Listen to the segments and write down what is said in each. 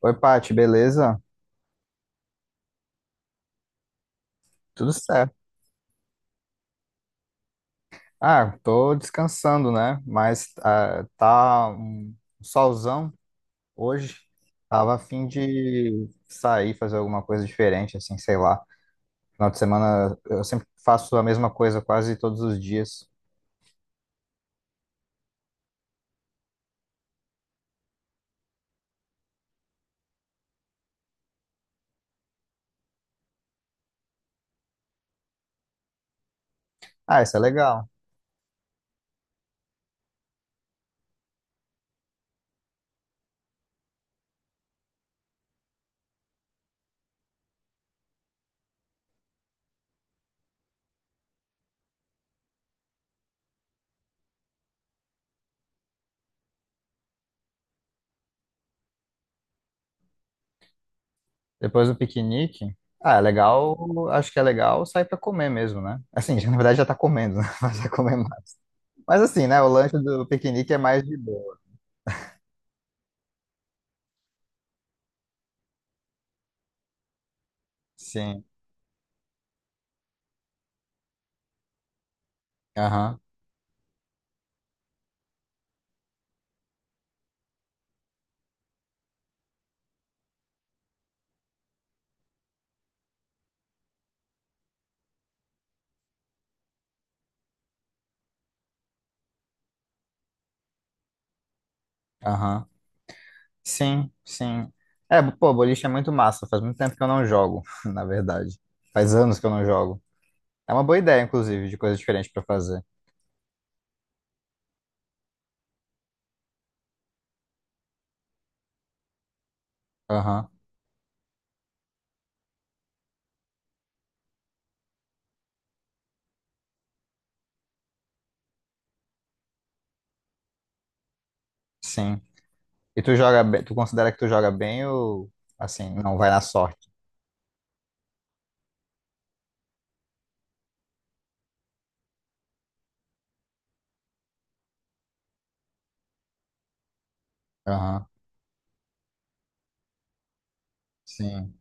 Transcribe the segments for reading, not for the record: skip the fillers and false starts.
Oi, Paty, beleza? Tudo certo. Ah, tô descansando, né? Mas tá um solzão hoje. Tava a fim de sair, fazer alguma coisa diferente, assim, sei lá. Final de semana eu sempre faço a mesma coisa quase todos os dias. Ah, isso é legal. Depois do piquenique, ah, é legal, acho que é legal sair pra comer mesmo, né? Assim, na verdade já tá comendo, né? Mas é comer mais. Mas assim, né? O lanche do piquenique é mais de boa. Sim. Aham, aham. Sim, sim. É, pô, boliche é muito massa. Faz muito tempo que eu não jogo, na verdade. Faz anos que eu não jogo. É uma boa ideia, inclusive, de coisa diferente pra fazer. Aham, sim. E tu joga bem, tu considera que tu joga bem ou assim, não vai na sorte? Aham, sim.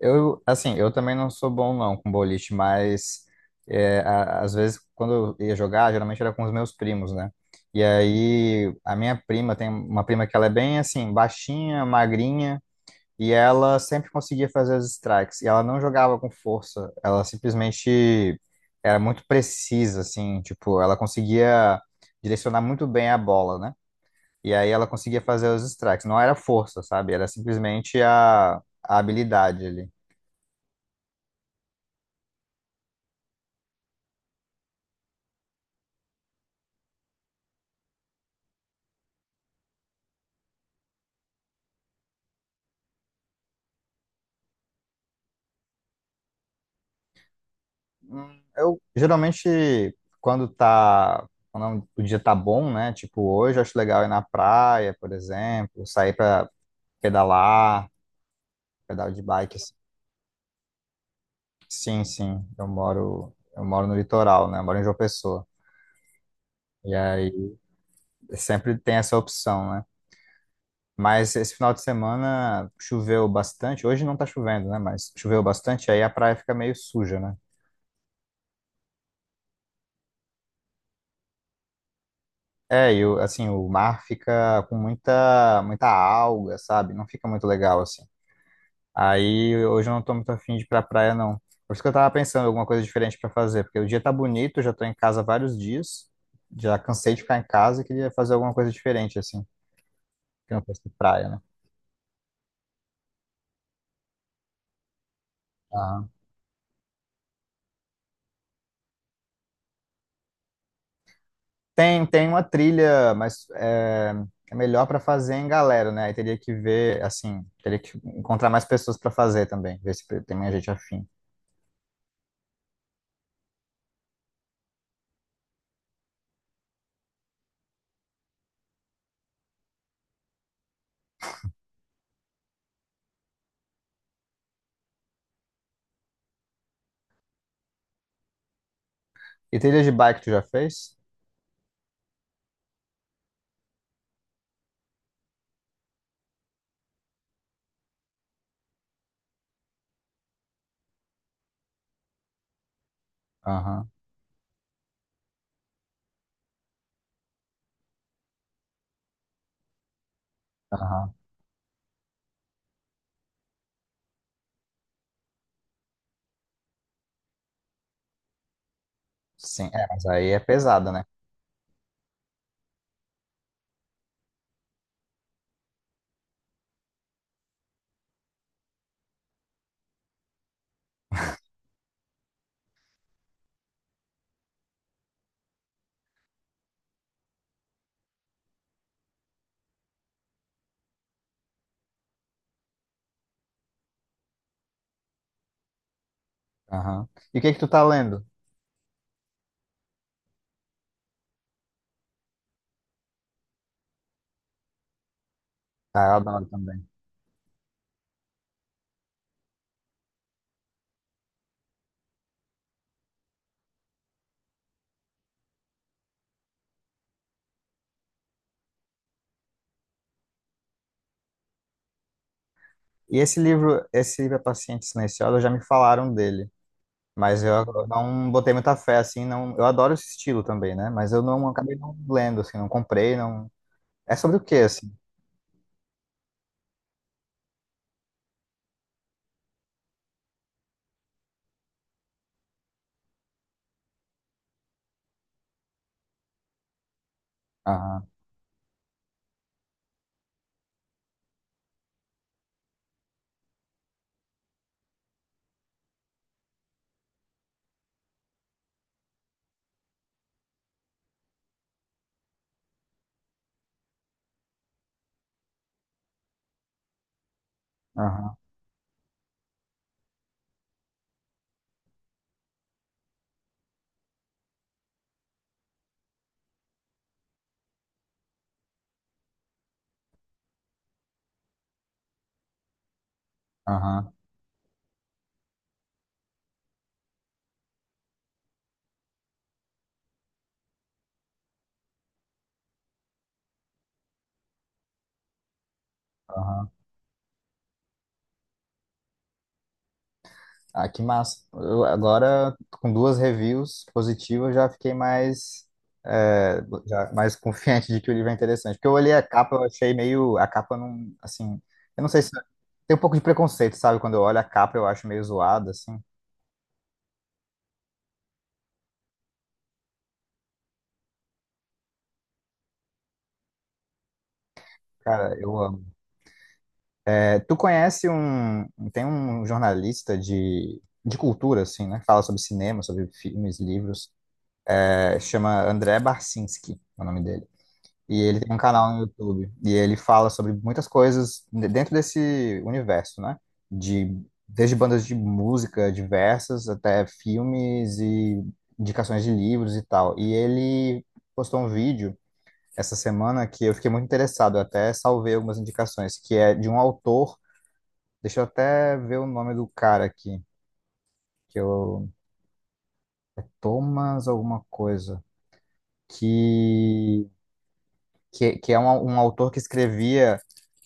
Eu, assim, eu também não sou bom não com boliche, mas é, às vezes quando eu ia jogar, geralmente era com os meus primos, né? E aí a minha prima tem uma prima que ela é bem assim, baixinha, magrinha. E ela sempre conseguia fazer os strikes. E ela não jogava com força. Ela simplesmente era muito precisa, assim. Tipo, ela conseguia direcionar muito bem a bola, né? E aí ela conseguia fazer os strikes. Não era força, sabe? Era simplesmente a habilidade ali. Eu geralmente, quando tá. Quando o dia tá bom, né? Tipo, hoje eu acho legal ir na praia, por exemplo, sair pra pedalar, pedal de bike. Sim, sim. Eu moro no litoral, né? Eu moro em João Pessoa. E aí sempre tem essa opção, né? Mas esse final de semana choveu bastante. Hoje não tá chovendo, né? Mas choveu bastante, aí a praia fica meio suja, né? É, assim, o mar fica com muita, muita alga, sabe? Não fica muito legal, assim. Aí hoje eu não tô muito afim de ir pra praia, não. Por isso que eu tava pensando em alguma coisa diferente pra fazer, porque o dia tá bonito, eu já tô em casa há vários dias, já cansei de ficar em casa e queria fazer alguma coisa diferente, assim. Campos de praia, né? Aham. Tem, tem uma trilha, mas é melhor para fazer em galera, né? Aí teria que ver, assim, teria que encontrar mais pessoas para fazer também, ver se tem mais gente afim. E trilha de bike tu já fez? Aham, aham. Sim, é, mas aí é pesada, né? Aham. E o que que tu tá lendo? Ah, eu adoro também. E esse livro A Paciente Silenciosa, já me falaram dele, mas eu não botei muita fé, assim, não, eu adoro esse estilo também, né? Mas eu não acabei não lendo, assim, não comprei, não. É sobre o que assim? Aham, aham, aham, aham. Ah, que massa. Eu agora, com duas reviews positivas, já fiquei mais, é, já mais confiante de que o livro é interessante. Porque eu olhei a capa, eu achei meio. A capa não. Assim. Eu não sei se. Tem um pouco de preconceito, sabe? Quando eu olho a capa, eu acho meio zoado, assim. Cara, eu amo. É, tu conhece um. Tem um jornalista de cultura, assim, né? Que fala sobre cinema, sobre filmes, livros. É, chama André Barcinski, é o nome dele. E ele tem um canal no YouTube. E ele fala sobre muitas coisas dentro desse universo, né? De, desde bandas de música diversas até filmes e indicações de livros e tal. E ele postou um vídeo essa semana que eu fiquei muito interessado. Eu até salvei algumas indicações, que é de um autor. Deixa eu até ver o nome do cara aqui, que eu. Thomas alguma coisa. Que, que é um autor que escrevia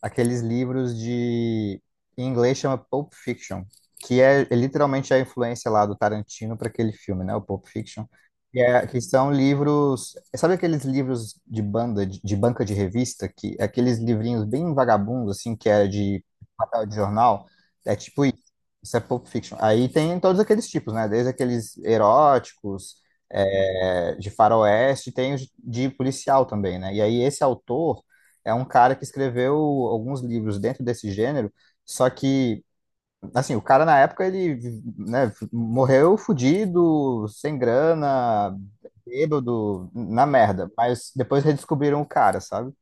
aqueles livros de em inglês chama Pulp Fiction, que é literalmente a influência lá do Tarantino para aquele filme, né? O Pulp Fiction, que são livros, sabe aqueles livros de banda, de banca de revista, que é aqueles livrinhos bem vagabundos assim, que é de papel de jornal, é tipo isso. Isso é Pulp Fiction. Aí tem todos aqueles tipos, né? Desde aqueles eróticos, é, de faroeste, tem os de policial também, né? E aí esse autor é um cara que escreveu alguns livros dentro desse gênero, só que, assim, o cara na época ele, né, morreu fudido, sem grana, bêbado, na merda, mas depois redescobriram o cara, sabe?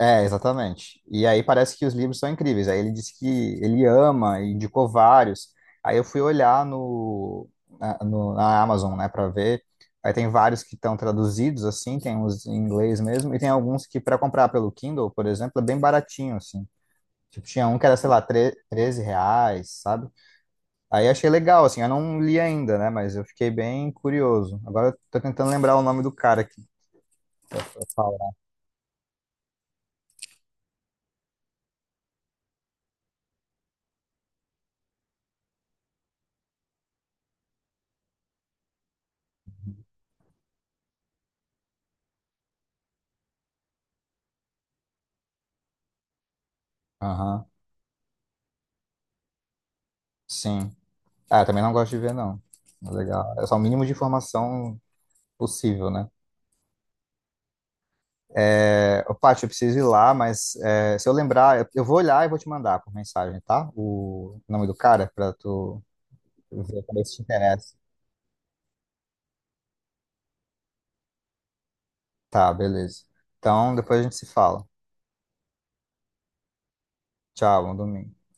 É, exatamente. E aí parece que os livros são incríveis. Aí ele disse que ele ama e indicou vários. Aí eu fui olhar na Amazon, né, para ver. Aí tem vários que estão traduzidos, assim, tem uns em inglês mesmo, e tem alguns que para comprar pelo Kindle, por exemplo, é bem baratinho, assim. Tipo, tinha um que era, sei lá, tre R$ 13, sabe? Aí eu achei legal, assim, eu não li ainda, né, mas eu fiquei bem curioso. Agora eu tô tentando lembrar o nome do cara aqui pra falar. Aham, sim. Ah, também não gosto de ver, não. Mas legal. É só o mínimo de informação possível, né? Ô, Paty, eu preciso ir lá, mas se eu lembrar, eu vou olhar e vou te mandar por mensagem, tá? O nome do cara, pra tu ver também se te interessa. Tá, beleza. Então, depois a gente se fala. Tchau, bom domingo.